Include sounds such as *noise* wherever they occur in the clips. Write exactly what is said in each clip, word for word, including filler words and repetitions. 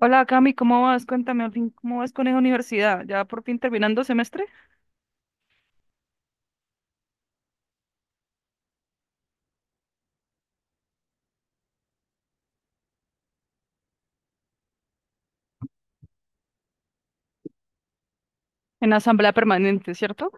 Hola Cami, ¿cómo vas? Cuéntame, al fin, ¿cómo vas con la universidad? Ya por fin terminando semestre en asamblea permanente, ¿cierto?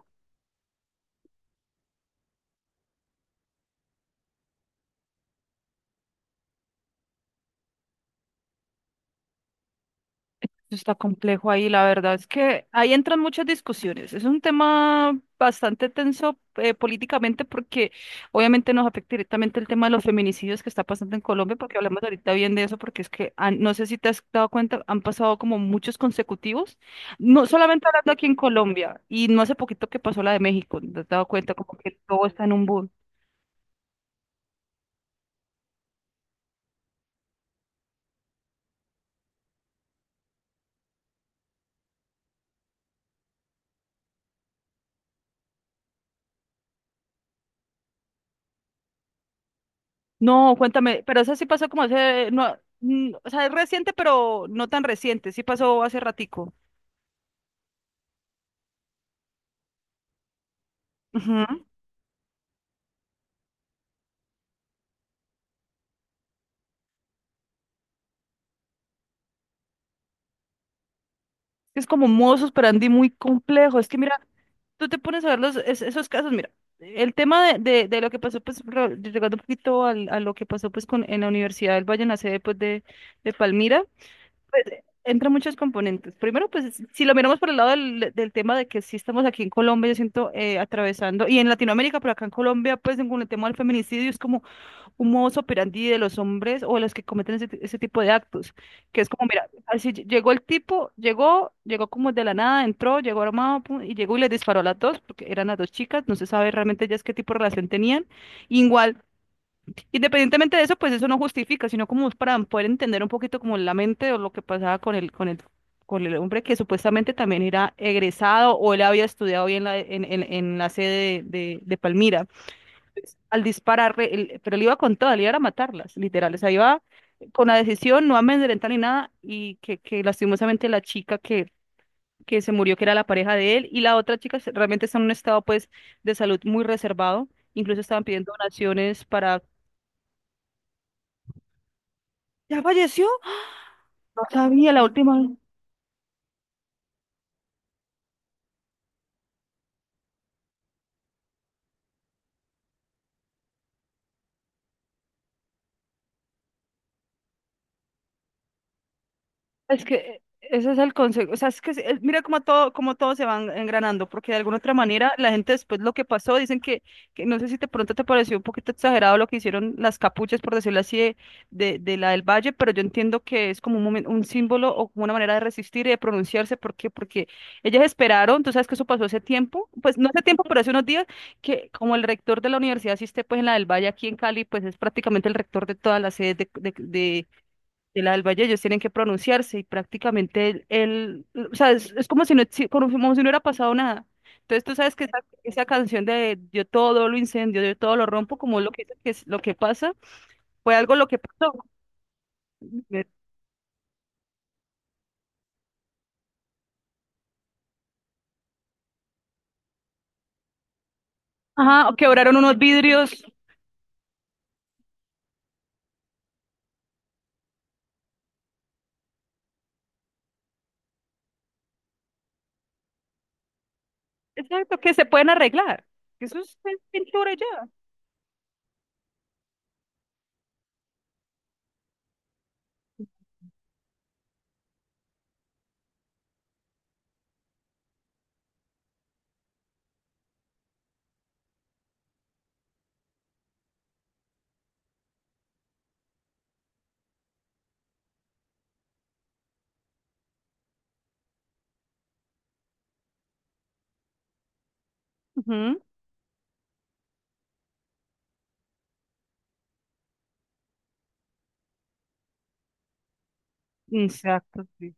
Eso está complejo ahí, la verdad es que ahí entran muchas discusiones. Es un tema bastante tenso, eh, políticamente, porque obviamente nos afecta directamente el tema de los feminicidios que está pasando en Colombia, porque hablamos ahorita bien de eso, porque es que han- no sé si te has dado cuenta, han pasado como muchos consecutivos, no solamente hablando aquí en Colombia, y no hace poquito que pasó la de México, ¿te has dado cuenta? Como que todo está en un boom. No, cuéntame, pero eso sí pasó como hace, no, mm, o sea, es reciente, pero no tan reciente, sí pasó hace ratico. Ujú. Es como un modus operandi muy complejo. Es que mira, tú te pones a ver los, es- esos casos, mira, el tema de, de, de lo que pasó, pues, re- llegando un poquito al- a lo que pasó, pues, con, en la Universidad del Valle, en la sede, pues, de, de Palmira, pues, entra muchos componentes. Primero, pues, si si lo miramos por el lado del, del tema de que sí estamos aquí en Colombia, yo siento, eh, atravesando, y en Latinoamérica, pero acá en Colombia, pues, con el tema del feminicidio, es como un modo operandi de los hombres o de los que cometen ese, ti- ese tipo de actos, que es como, mira, así ll- llegó el tipo, llegó, llegó como de la nada, entró, llegó armado pum, y llegó y les disparó a las dos, porque eran las dos chicas, no se sabe realmente ellas qué tipo de relación tenían. Igual, independientemente de eso, pues eso no justifica, sino como es para poder entender un poquito como la mente o lo que pasaba con el, con el, con el hombre que supuestamente también era egresado o él había estudiado bien en, la- en, en- en la sede de, de de Palmira al disparar, pero él iba con toda, él iba a matarlas, literal. O sea, iba con la decisión, no amedrentar ni nada, y que, que lastimosamente la chica que, que se murió, que era la pareja de él, y la otra chica se- realmente está en un estado pues de salud muy reservado. Incluso estaban pidiendo donaciones para... ¿Ya falleció? No sabía la última. Es que ese es el consejo, o sea, es que es- es- mira cómo todo, cómo todo se van engranando, porque de alguna otra manera la gente después lo que pasó, dicen que, que no sé si de pronto te pareció un poquito exagerado lo que hicieron las capuchas, por decirlo así, de, de, de la del Valle, pero yo entiendo que es como un momen- un símbolo o como una manera de resistir y de pronunciarse, ¿por qué? Porque ellas esperaron, tú sabes que eso pasó hace tiempo, pues no hace tiempo, pero hace unos días, que como el rector de la universidad asiste pues en la del Valle aquí en Cali, pues es prácticamente el rector de todas las sedes de la del Valle, ellos tienen que pronunciarse y prácticamente él, él- o sea, es, es como si no, exi- como si como si no hubiera pasado nada. Entonces tú sabes que esa, esa canción de yo todo lo incendio, yo todo lo rompo, como lo que, que es lo que pasa, fue algo lo que pasó. Ajá, o quebraron unos vidrios, exacto, que se pueden arreglar. Eso es es pintura y ya. Ujú. Exacto, sí.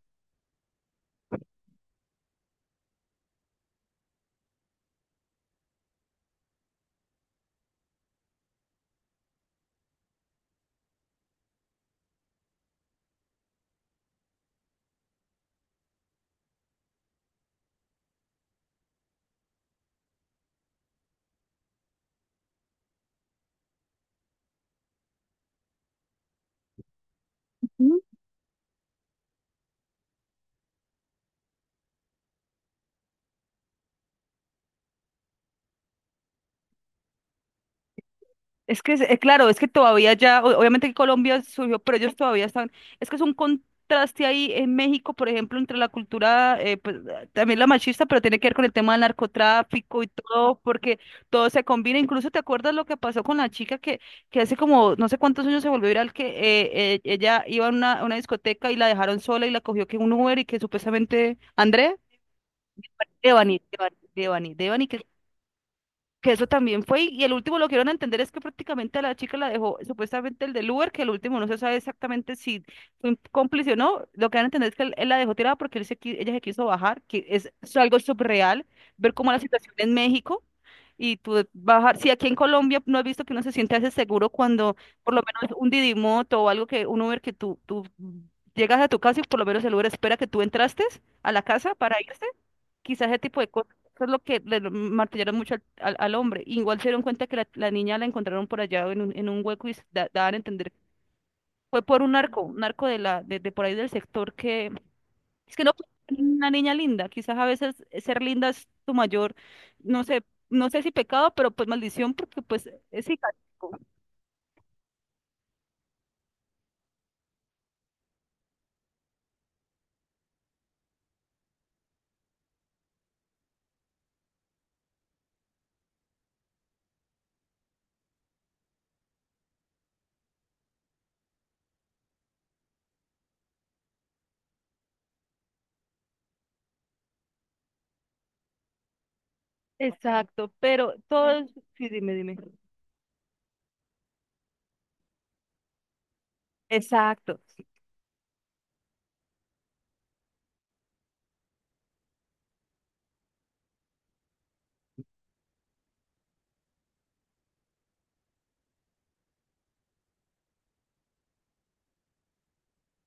Es que, es- eh, claro, es que todavía ya, o- obviamente que Colombia surgió, pero ellos todavía están, es que es un contraste ahí en México, por ejemplo, entre la cultura, eh, pues, eh, también la machista, pero tiene que ver con el tema del narcotráfico y todo, porque todo se combina. Incluso te acuerdas lo que pasó con la chica que, que hace como no sé cuántos años se volvió viral, que eh, eh, ella iba a una, a una discoteca y la dejaron sola y la cogió que un Uber y que supuestamente, André, Devani, Devani, Devani, Devani, que eso también fue, y el último lo que dieron a entender es que prácticamente a la chica la dejó, supuestamente el del Uber, que el último no se sabe exactamente si fue un cómplice o no, lo que dan a entender es que él, él la dejó tirada porque él se, qui- ella se quiso bajar, que es, es algo subreal, ver cómo la situación en México, y tú de- bajar, si aquí en Colombia no has visto que uno se siente hace seguro cuando por lo menos un Didimoto o algo que, un Uber que tú, tú llegas a tu casa y por lo menos el Uber espera que tú entraste a la casa para irse. Quizás ese tipo de cosas eso es lo que le lo martillaron mucho al, al- al hombre. Igual se dieron cuenta que la, la niña la encontraron por allá en un, en un hueco y s- da- daban a entender. Fue por un narco, un narco de, la, de, de por ahí del sector que... Es que no fue una niña linda. Quizás a veces ser linda es tu mayor, no sé, no sé si pecado, pero pues maldición porque pues es castigo. Exacto, pero todo... es- Sí, dime, dime. Exacto.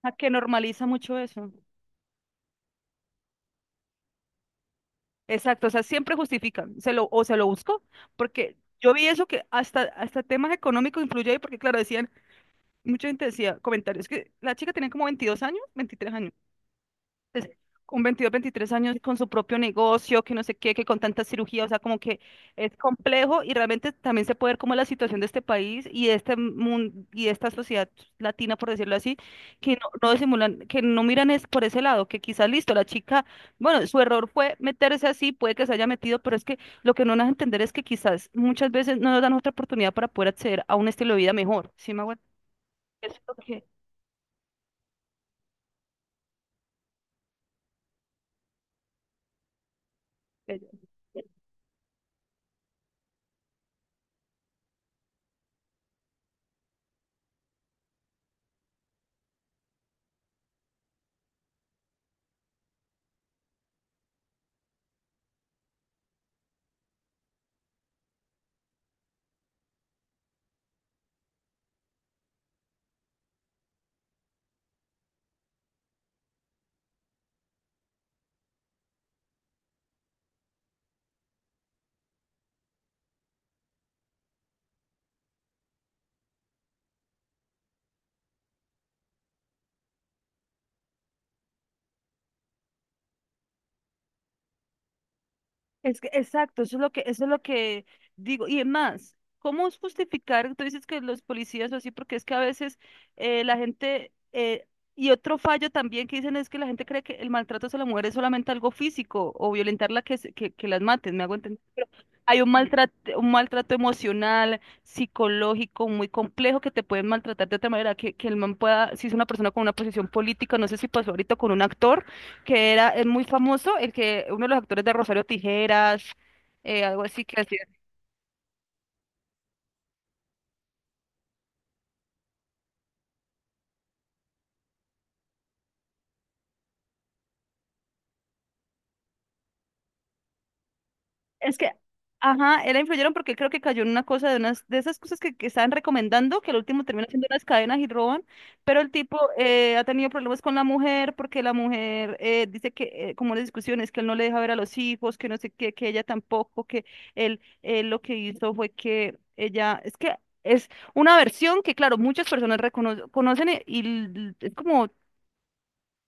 A que normaliza mucho eso. Exacto, o sea, siempre justifican, se lo, o se lo busco, porque yo vi eso que hasta, hasta temas económicos influye ahí, porque claro, decían, mucha gente decía comentarios, que la chica tenía como veintidós años, veintitrés años, es- con veintidós, veintitrés años con su propio negocio, que no sé qué, que con tanta cirugía, o sea, como que es complejo y realmente también se puede ver como la situación de este país y de este mundo y de esta sociedad latina, por decirlo así, que no, no disimulan, que no miran es por ese lado, que quizás listo, la chica, bueno, su error fue meterse así, puede que se haya metido, pero es que lo que no nos entender es que quizás muchas veces no nos dan otra oportunidad para poder acceder a un estilo de vida mejor, ¿sí me hago? Eso es lo que... Es que, exacto, eso es lo que, eso es lo que digo. Y es más, ¿cómo es justificar? Tú dices que los policías o así, porque es que a veces eh, la gente, eh, y otro fallo también que dicen es que la gente cree que el maltrato hacia la mujer es solamente algo físico o violentarla que, se- que, que las maten, me hago entender. Hay un maltrato, un maltrato emocional, psicológico, muy complejo que te pueden maltratar de otra manera, que, que el man pueda, si es una persona con una posición política, no sé si pasó ahorita con un actor que era, es muy famoso, el que, uno de los actores de Rosario Tijeras, eh, algo así que hacía. Es que, ajá, era influyeron porque creo que cayó en una cosa de unas de esas cosas que, que estaban recomendando, que al último termina siendo unas cadenas y roban, pero el tipo eh, ha tenido problemas con la mujer porque la mujer eh, dice que, eh, como las discusiones, que él no le deja ver a los hijos, que no sé qué, que ella tampoco, que él, él lo que hizo fue que ella, es que es una versión que, claro, muchas personas reconocen conocen y, y l- es como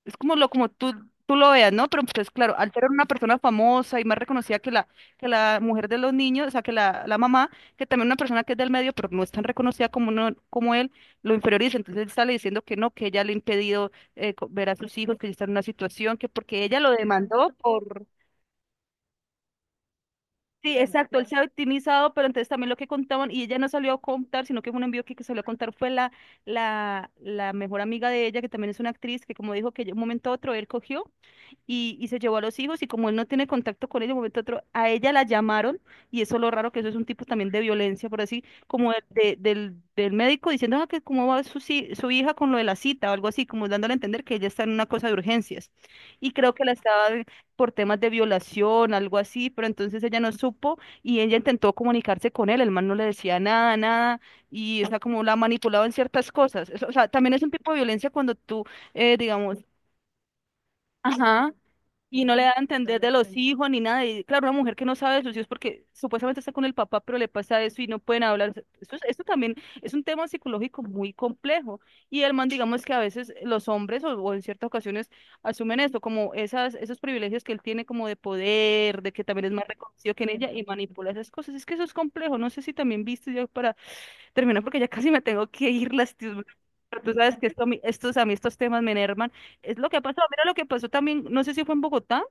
es como lo como tú, tú lo veas, ¿no? Pero pues claro, al ser una persona famosa y más reconocida que la, que la mujer de los niños, o sea, que la, la mamá, que también una persona que es del medio, pero no es tan reconocida como, no como él, lo inferioriza. Entonces él sale diciendo que no, que ella le ha impedido eh, co- ver a sus hijos, que está en una situación, que porque ella lo demandó por... Sí, exacto, él se ha victimizado, pero entonces también lo que contaban, y ella no salió a contar, sino que fue un envío que, que salió a contar fue la, la, la mejor amiga de ella, que también es una actriz, que como dijo que de un momento a otro él cogió y, y se llevó a los hijos y como él no tiene contacto con ella, de un momento a otro, a ella la llamaron y eso es lo raro que eso es un tipo también de violencia, por así, como de- de- del, del médico diciendo "Ah, que cómo va su, si- su hija con lo de la cita o algo así", como dándole a entender que ella está en una cosa de urgencias y creo que la estaba por temas de violación, algo así, pero entonces ella no supo y ella intentó comunicarse con él, el man no le decía nada, nada y o sea, como la manipulaba en ciertas cosas. Eso, o sea, también es un tipo de violencia cuando tú, eh, digamos, ajá. Y no le da a entender de los hijos ni nada. Y claro, una mujer que no sabe de sus hijos porque supuestamente está con el papá, pero le pasa eso y no pueden hablar. Eso, es- eso también es un tema psicológico muy complejo. Y el man, digamos que a veces los hombres o, o en ciertas ocasiones asumen esto, como esas, esos privilegios que él tiene como de poder, de que también es más reconocido que en ella y manipula esas cosas. Es que eso es complejo. No sé si también viste, yo para termino porque ya casi me tengo que ir, *laughs* lastimosa- pero tú sabes que esto, a mí- estos, a mí estos temas me enervan. Es lo que ha pasado. Mira lo que pasó también, no sé si fue en Bogotá,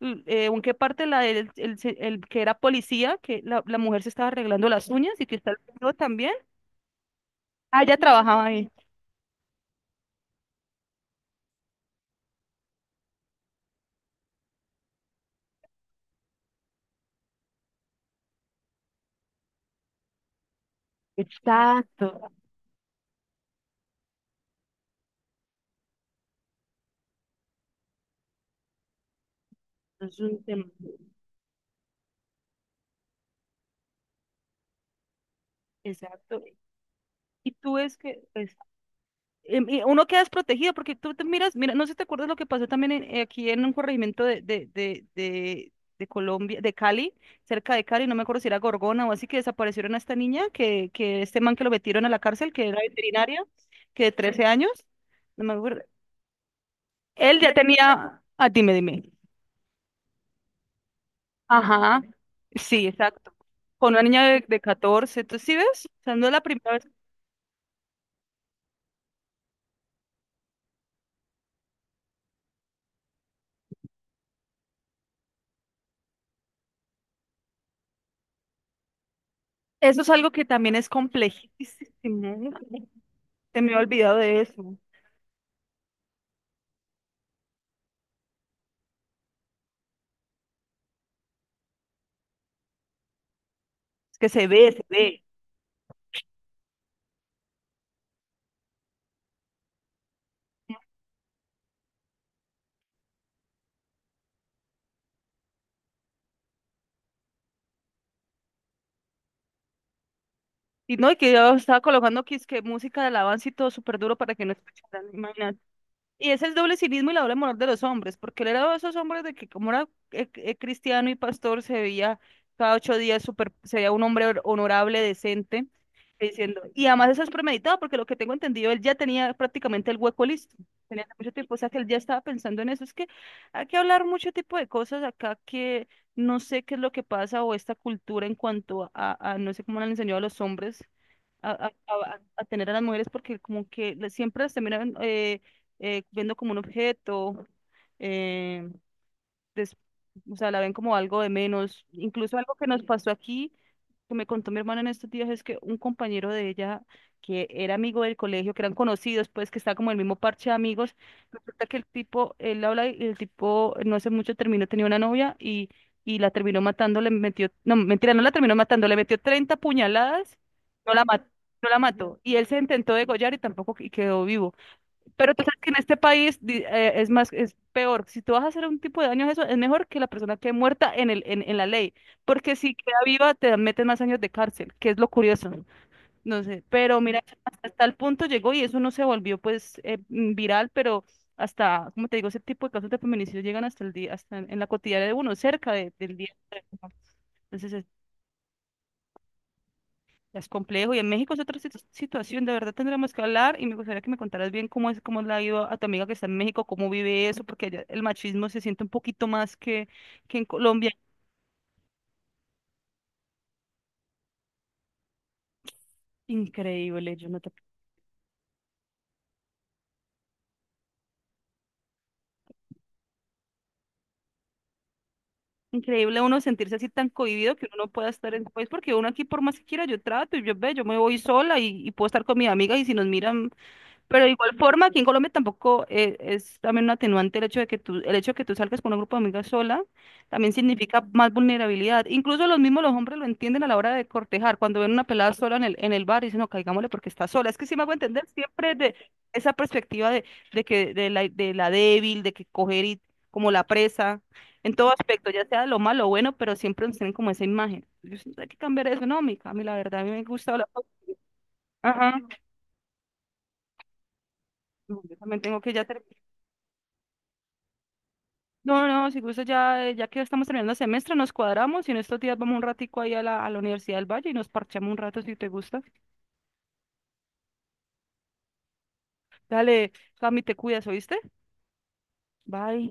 l- eh, o en qué parte la, del- el, se- el que era policía, que la, la mujer se estaba arreglando las uñas y que está el video también. Ah, ella trabajaba ahí. Exacto. Es un tema. Exacto. Y tú ves que, pues, em, y uno queda desprotegido porque tú te miras, mira, no sé si te acuerdas lo que pasó también en- eh, aquí en un corregimiento de, de, de, de, de Colombia, de Cali, cerca de Cali, no me acuerdo si era Gorgona o así, que desaparecieron a esta niña, que, que este man que lo metieron a la cárcel, que era veterinario, que de trece años, no me acuerdo. Él ya tenía, ah, dime, dime. Ajá, sí, exacto. Con una niña de, de catorce, ¿tú sí ves? O sea, no es la primera vez. Eso es algo que también es complejísimo. Se me ha olvidado de eso. Es que se ve, se ve. Y no, y que yo estaba colocando que es que música de alabanza y todo súper duro para que no escucharan. Y ese es el doble cinismo y la doble moral de los hombres, porque él era de esos hombres de que como era eh, eh, cristiano y pastor, se veía cada ocho días super, se veía un hombre hor- honorable, decente, diciendo, y además eso es premeditado, porque lo que tengo entendido, él ya tenía prácticamente el hueco listo, tenía mucho tiempo, o sea que él ya estaba pensando en eso. Es que hay que hablar mucho tipo de cosas acá, que no sé qué es lo que pasa o esta cultura en cuanto a, a no sé cómo le han enseñado a los hombres a, a- a- a tener a las mujeres porque como que le- siempre las terminan eh, eh, viendo como un objeto. eh, des- o sea, la ven como algo de menos. Incluso algo que nos pasó aquí, que me contó mi hermana en estos días, es que un compañero de ella, que era amigo del colegio, que eran conocidos, pues que está como en el mismo parche de amigos, resulta que el tipo, él habla y el tipo, no hace mucho terminó, tenía una novia y, y la terminó matando, le metió, no, mentira, no la terminó matando, le metió treinta puñaladas, no la mató. No la mató. Y él se intentó degollar y tampoco y quedó vivo. Pero tú sabes que en este país di- eh, es más, es peor. Si tú vas a hacer un tipo de daño, eso es mejor que la persona quede muerta en el, en, en la ley. Porque si queda viva, te meten más años de cárcel, que es lo curioso. No sé. Pero mira, hasta hasta el punto llegó y eso no se volvió pues eh, mm, viral, pero hasta, como te digo, ese tipo de casos de feminicidio llegan hasta el día, hasta en, en la cotidiana de uno, cerca de- del día. Entonces, es complejo y en México es otra situ- situación, de verdad tendremos que hablar y me gustaría que me contaras bien cómo es, cómo le ha ido a tu amiga que está en México, cómo vive eso, porque allá el machismo se siente un poquito más que, que en Colombia. Increíble, yo no te- increíble uno sentirse así tan cohibido que uno no pueda estar en un país, porque uno aquí por más que quiera yo trato y yo ve, yo me voy sola y, y puedo estar con mi amiga y si nos miran. Pero de igual forma, aquí en Colombia tampoco, eh, es también un atenuante el hecho de que tú, el hecho de que tú, salgas con un grupo de amigas sola, también significa más vulnerabilidad. Incluso los mismos los hombres lo entienden a la hora de cortejar, cuando ven una pelada sola en el, en el bar y dicen, no, caigámosle porque está sola. Es que sí me hago entender siempre de esa perspectiva de, de que de la, de la débil, de que coger y como la presa, en todo aspecto, ya sea lo malo o bueno, pero siempre nos tienen como esa imagen. Yo siento que hay que cambiar eso. No, mi Cami, la verdad, a mí me gusta hablar. Ajá. No, yo también tengo que ya terminar. No, no, si gusta ya, eh, ya que estamos terminando semestre, nos cuadramos y en estos días vamos un ratico ahí a la, a la Universidad del Valle y nos parchamos un rato si te gusta. Dale, Cami, te cuidas, ¿oíste? Bye.